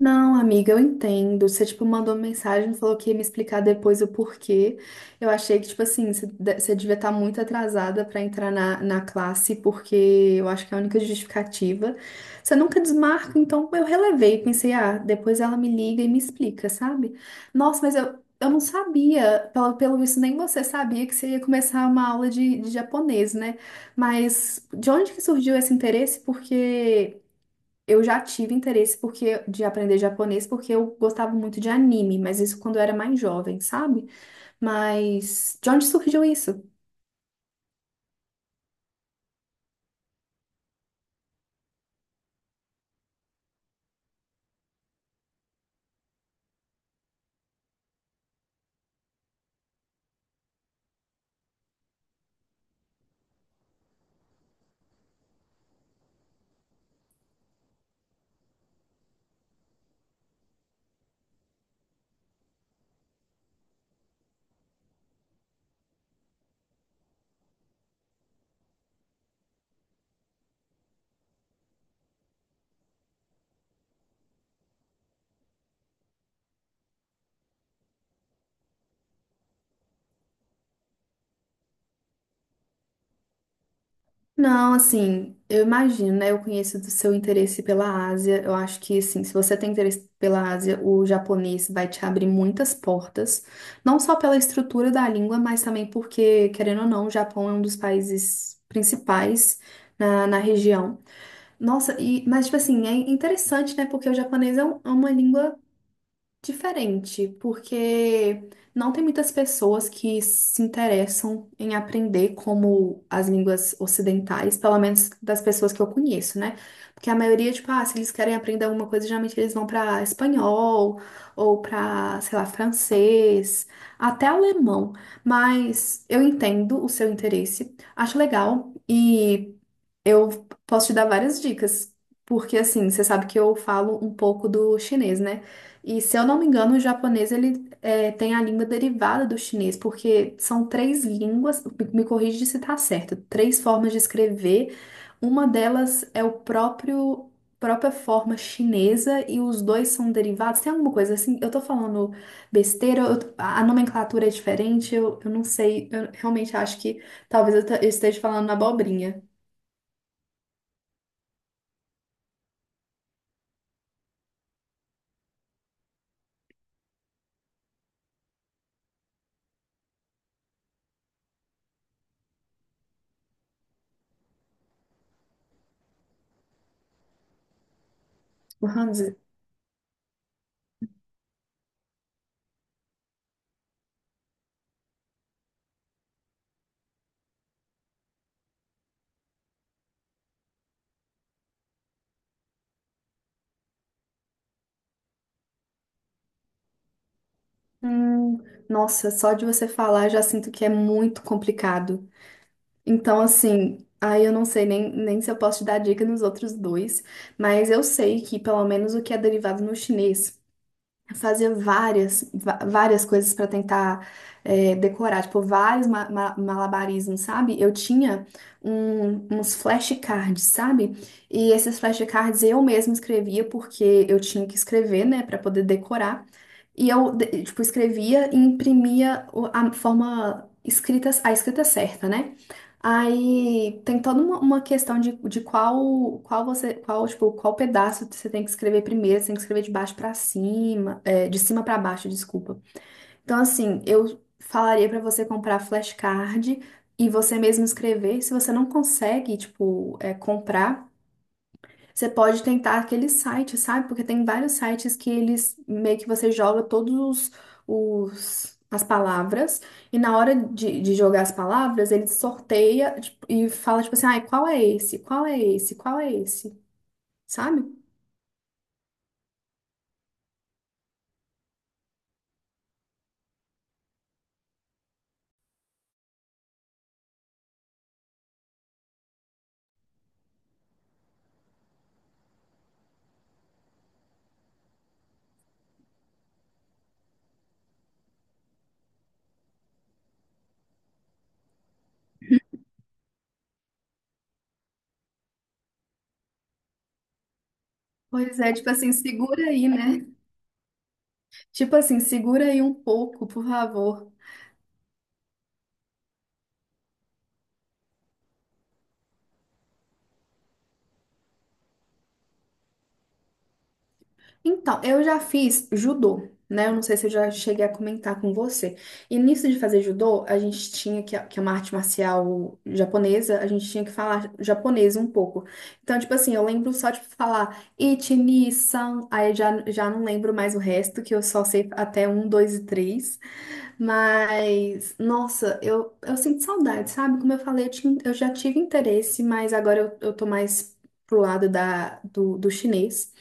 Não, amiga, eu entendo. Você, tipo, mandou uma mensagem, falou que ia me explicar depois o porquê. Eu achei que, tipo assim, você devia estar muito atrasada para entrar na classe, porque eu acho que é a única justificativa. Você nunca desmarca, então eu relevei. Pensei, ah, depois ela me liga e me explica, sabe? Nossa, mas eu não sabia, pelo visto, nem você sabia que você ia começar uma aula de japonês, né? Mas de onde que surgiu esse interesse? Porque. Eu já tive interesse porque de aprender japonês porque eu gostava muito de anime, mas isso quando eu era mais jovem, sabe? Mas de onde surgiu isso? Não, assim, eu imagino, né? Eu conheço do seu interesse pela Ásia. Eu acho que, assim, se você tem interesse pela Ásia, o japonês vai te abrir muitas portas. Não só pela estrutura da língua, mas também porque, querendo ou não, o Japão é um dos países principais na região. Nossa, e, mas, tipo assim, é interessante, né? Porque o japonês é um- é uma língua. Diferente, porque não tem muitas pessoas que se interessam em aprender como as línguas ocidentais, pelo menos das pessoas que eu conheço, né? Porque a maioria, tipo, ah, se eles querem aprender alguma coisa, geralmente eles vão pra espanhol ou pra, sei lá, francês, até alemão. Mas eu entendo o seu interesse, acho legal e eu posso te dar várias dicas, porque assim, você sabe que eu falo um pouco do chinês, né? E se eu não me engano, o japonês ele é, tem a língua derivada do chinês, porque são três línguas, me corrige se tá certo, três formas de escrever. Uma delas é o próprio própria forma chinesa e os dois são derivados. Tem alguma coisa assim? Eu tô falando besteira, eu- a nomenclatura é diferente, eu não sei, eu realmente acho que talvez eu te- eu esteja falando abobrinha. Hum, nossa, só de você falar já sinto que é muito complicado. Então, assim, aí eu não sei nem se eu posso te dar dica nos outros dois, mas eu sei que pelo menos o que é derivado no chinês fazia várias coisas para tentar é, decorar, tipo, vários malabarismos, sabe? Eu tinha uns flashcards, sabe? E esses flashcards eu mesma escrevia porque eu tinha que escrever, né, para poder decorar. E eu, tipo, escrevia e imprimia a forma escrita, a escrita certa, né? Aí tem toda uma questão de qual pedaço você tem que escrever primeiro, você tem que escrever de baixo pra cima. É, de cima para baixo, desculpa. Então, assim, eu falaria para você comprar flashcard e você mesmo escrever. Se você não consegue, tipo, é, comprar, você pode tentar aquele site, sabe? Porque tem vários sites que eles meio que você joga todos os, as palavras e na hora de jogar as palavras, ele sorteia, tipo, e fala, tipo assim, ai, qual é esse? Qual é esse? Qual é esse? Sabe? Pois é, tipo assim, segura aí, né? Tipo assim, segura aí um pouco, por favor. Então, eu já fiz judô, né? Eu não sei se eu já cheguei a comentar com você. E nisso de fazer judô, a gente tinha que é uma arte marcial japonesa, a gente tinha que falar japonês um pouco. Então, tipo assim, eu lembro só de falar ichi, ni, san, aí eu já, já não lembro mais o resto, que eu só sei até um, dois e três. Mas, nossa, eu sinto saudade, sabe? Como eu falei, eu já tive interesse, mas agora eu tô mais pro lado do chinês.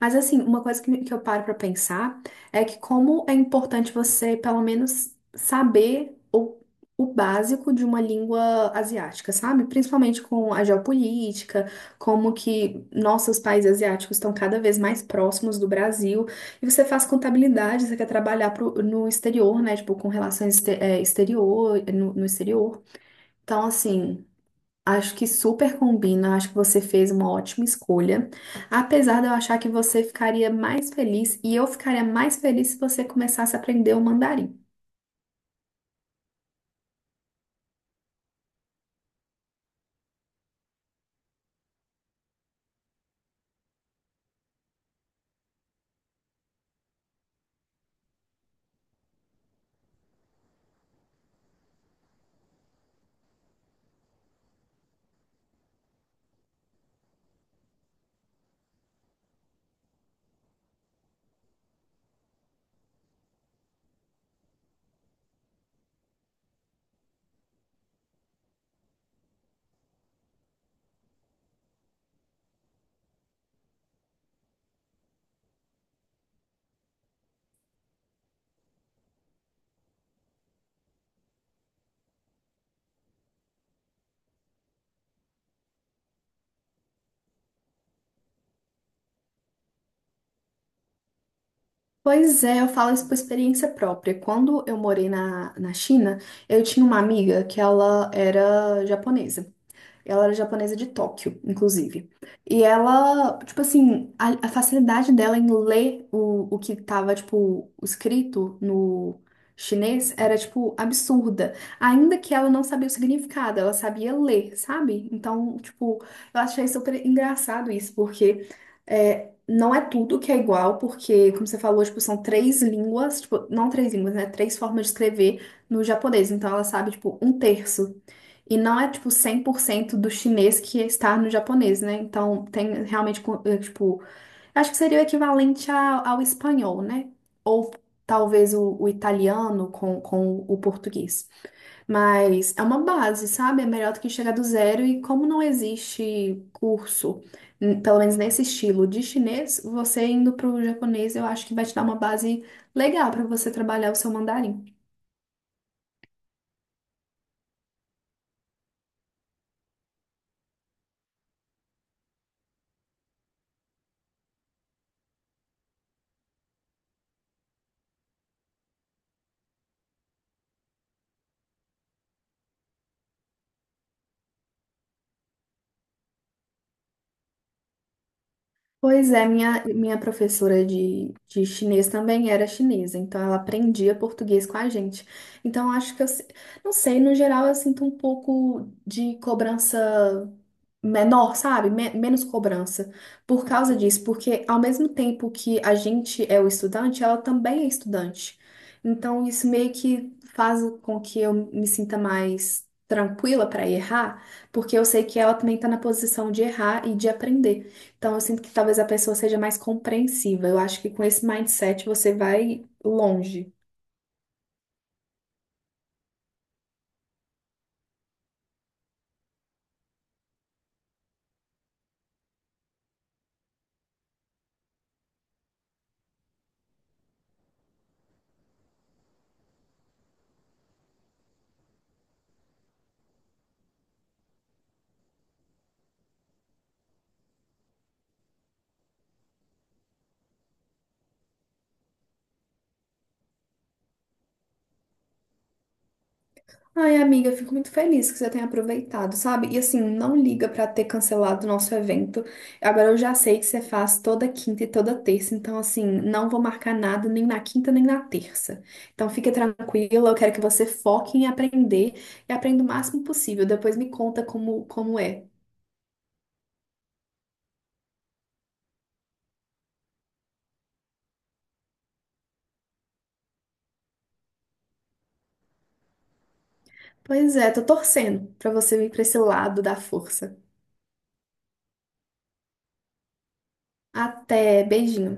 Mas assim, uma coisa que eu paro pra pensar é que como é importante você, pelo menos, saber o básico de uma língua asiática, sabe? Principalmente com a geopolítica, como que nossos países asiáticos estão cada vez mais próximos do Brasil. E você faz contabilidade, você quer trabalhar no exterior, né? Tipo, com relações exterior, no exterior. Então, assim. Acho que super combina, acho que você fez uma ótima escolha. Apesar de eu achar que você ficaria mais feliz e eu ficaria mais feliz se você começasse a aprender o mandarim. Pois é, eu falo isso por experiência própria. Quando eu morei na China, eu tinha uma amiga que ela era japonesa. Ela era japonesa de Tóquio, inclusive. E ela, tipo assim, a facilidade dela em ler o que tava, tipo, escrito no chinês era, tipo, absurda. Ainda que ela não sabia o significado, ela sabia ler, sabe? Então, tipo, eu achei super engraçado isso, porque é, não é tudo que é igual, porque, como você falou, tipo, são três línguas, tipo, não três línguas, né? Três formas de escrever no japonês. Então, ela sabe, tipo, um terço. E não é, tipo, 100% do chinês que está no japonês, né? Então, tem realmente, tipo, acho que seria o equivalente ao espanhol, né? Ou talvez o italiano com o português. Mas é uma base, sabe? É melhor do que chegar do zero. E como não existe curso, n- pelo menos nesse estilo de chinês, você indo para o japonês, eu acho que vai te dar uma base legal para você trabalhar o seu mandarim. Pois é, minha professora de chinês também era chinesa, então ela aprendia português com a gente. Então acho que eu, não sei, no geral eu sinto um pouco de cobrança menor, sabe? Menos cobrança por causa disso, porque ao mesmo tempo que a gente é o estudante, ela também é estudante. Então isso meio que faz com que eu me sinta mais tranquila para errar, porque eu sei que ela também está na posição de errar e de aprender. Então, eu sinto que talvez a pessoa seja mais compreensiva. Eu acho que com esse mindset você vai longe. Ai, amiga, eu fico muito feliz que você tenha aproveitado, sabe? E assim, não liga pra ter cancelado o nosso evento. Agora eu já sei que você faz toda quinta e toda terça, então assim, não vou marcar nada nem na quinta nem na terça. Então fica tranquila, eu quero que você foque em aprender e aprenda o máximo possível. Depois me conta como é. Pois é, tô torcendo pra você vir pra esse lado da força. Até, beijinho.